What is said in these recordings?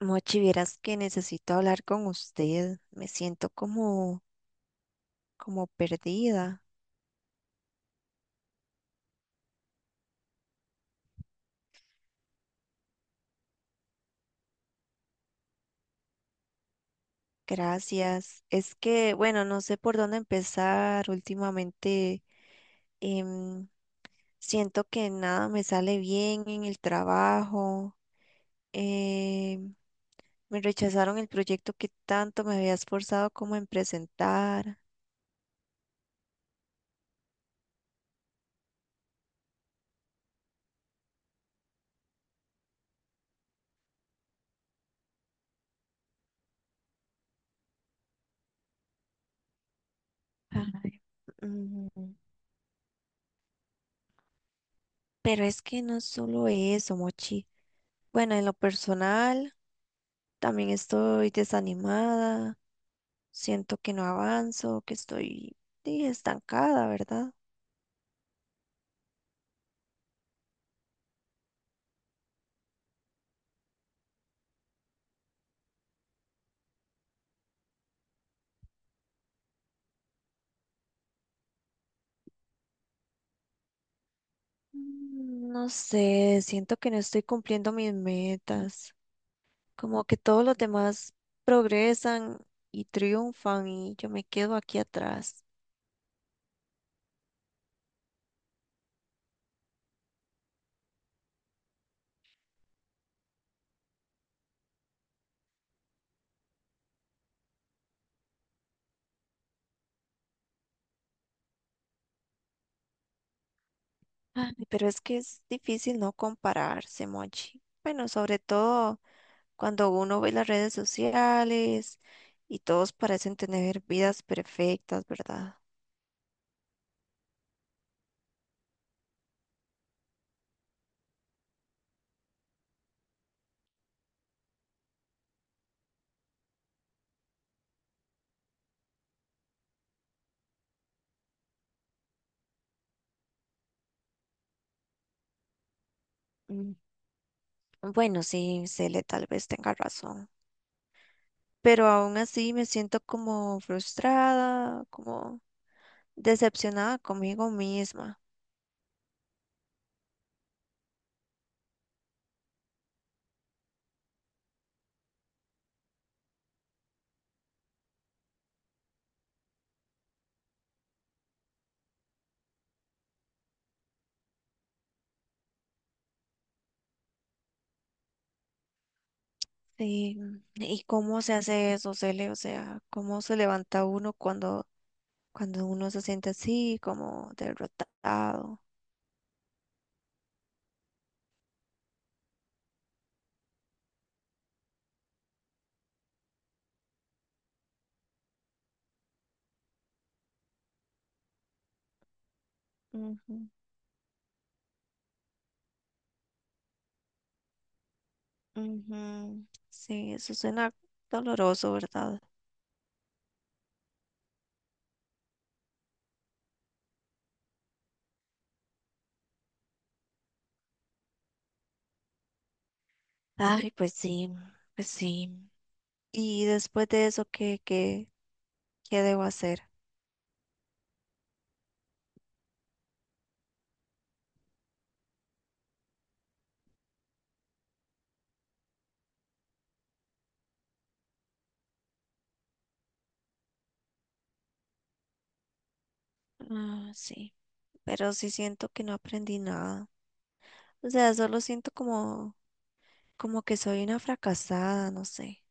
Mochi, vieras que necesito hablar con usted. Me siento como, como perdida. Gracias. Es que, bueno, no sé por dónde empezar. Últimamente em, siento que nada me sale bien en el trabajo. em, me rechazaron el proyecto que tanto me había esforzado como en presentar. Ay. Ujú. Pero es que no es solo eso, Mochi. Bueno, en lo personal, también estoy desanimada, siento que no avanzo, que estoy sí, estancada, ¿verdad? Mm, no sé, siento que no estoy cumpliendo mis metas, como que todos los demás progresan y triunfan y yo me quedo aquí atrás. Ay, pero es que es difícil no compararse, Mochi. Bueno, sobre todo cuando uno ve las redes sociales y todos parecen tener vidas perfectas, ¿verdad? Mm, bueno, sí, Cele tal vez tenga razón, pero aún así me siento como frustrada, como decepcionada conmigo misma. Sí, ¿y cómo se hace eso, Cele? O sea, ¿cómo se levanta uno cuando uno se siente así, como derrotado? Ujú, ujú. Sí, eso suena doloroso, ¿verdad? Ay, pues sí, pues sí. Y después de eso, ¿qué debo hacer? Ah, sí, pero sí siento que no aprendí nada. O sea, solo siento como, como que soy una fracasada, no sé.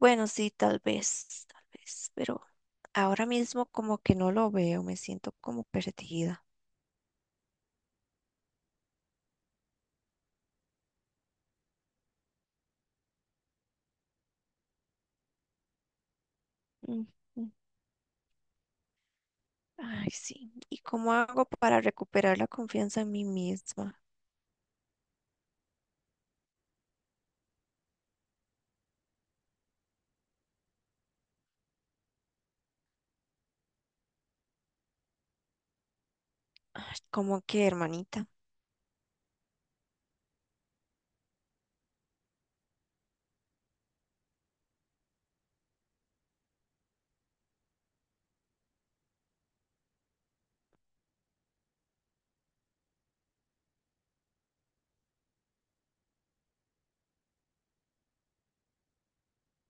Bueno, sí, tal vez, pero ahora mismo como que no lo veo, me siento como perdida. Mm, mm. Ay, sí. ¿Y cómo hago para recuperar la confianza en mí misma? Ay, ¿cómo que, hermanita?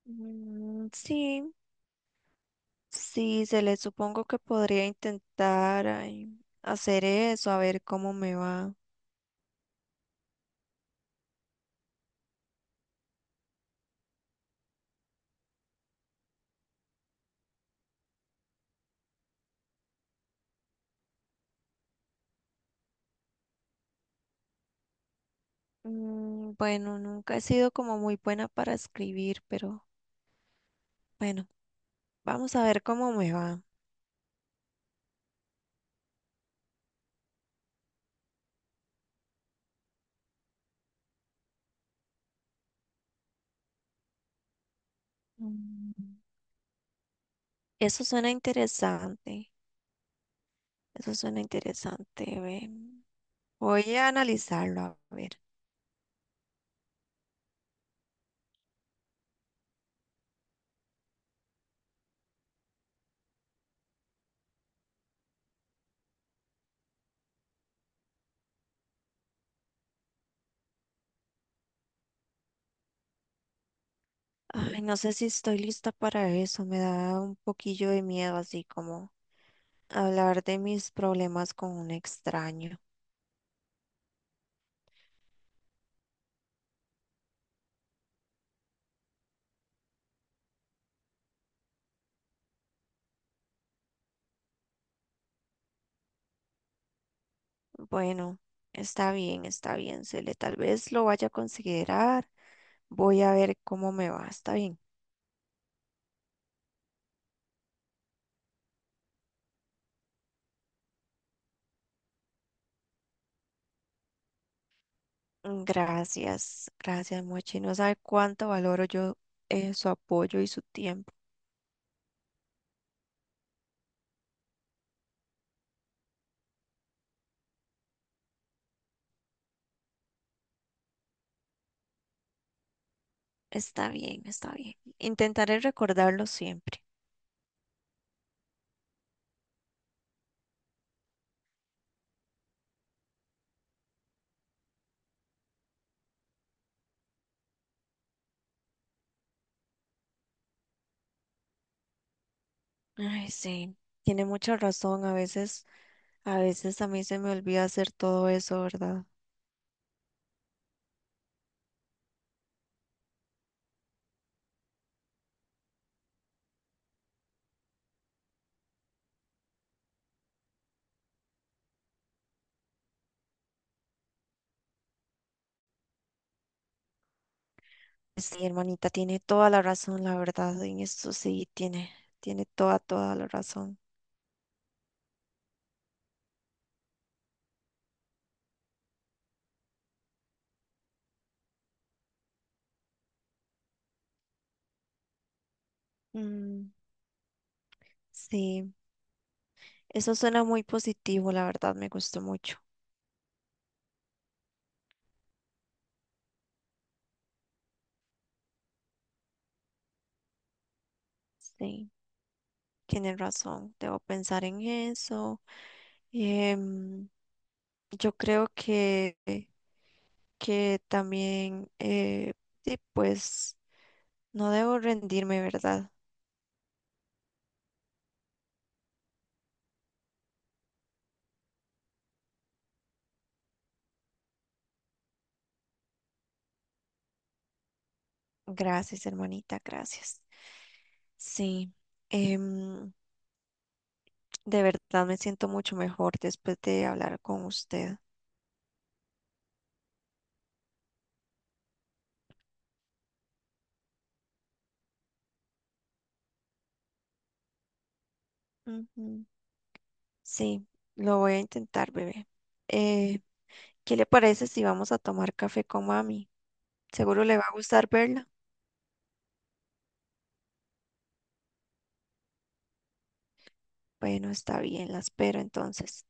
Mm, sí, sí, se le supongo que podría intentar ay, hacer eso, a ver cómo me va. Mm, bueno, nunca he sido como muy buena para escribir, pero bueno, vamos a ver cómo me va. Mm. Eso suena interesante, eso suena interesante. Ve. Voy a analizarlo, a ver. Ay, no sé si estoy lista para eso, me da un poquillo de miedo, así como hablar de mis problemas con un extraño. Bueno, está bien, Cele, tal vez lo vaya a considerar. Voy a ver cómo me va, está bien. Mm, gracias, gracias, Mochi. No sabe cuánto valoro yo su apoyo y su tiempo. Está bien, está bien. Intentaré recordarlo siempre. Ay, sí, tiene mucha razón. A veces, a veces a mí se me olvida hacer todo eso, ¿verdad? Sí, hermanita, tiene toda la razón, la verdad. En esto sí, tiene, tiene toda, toda la razón. Mm, sí, eso suena muy positivo, la verdad, me gustó mucho. Sí, tiene razón. Debo pensar en eso. Em, yo creo que también, sí, pues no debo rendirme, ¿verdad? Gracias, hermanita, gracias. Sí, em, de verdad me siento mucho mejor después de hablar con usted. Ujú. Sí, lo voy a intentar, bebé. Eh, ¿Qué le parece si vamos a tomar café con mami? Seguro le va a gustar verla. Bueno, está bien, la espero entonces.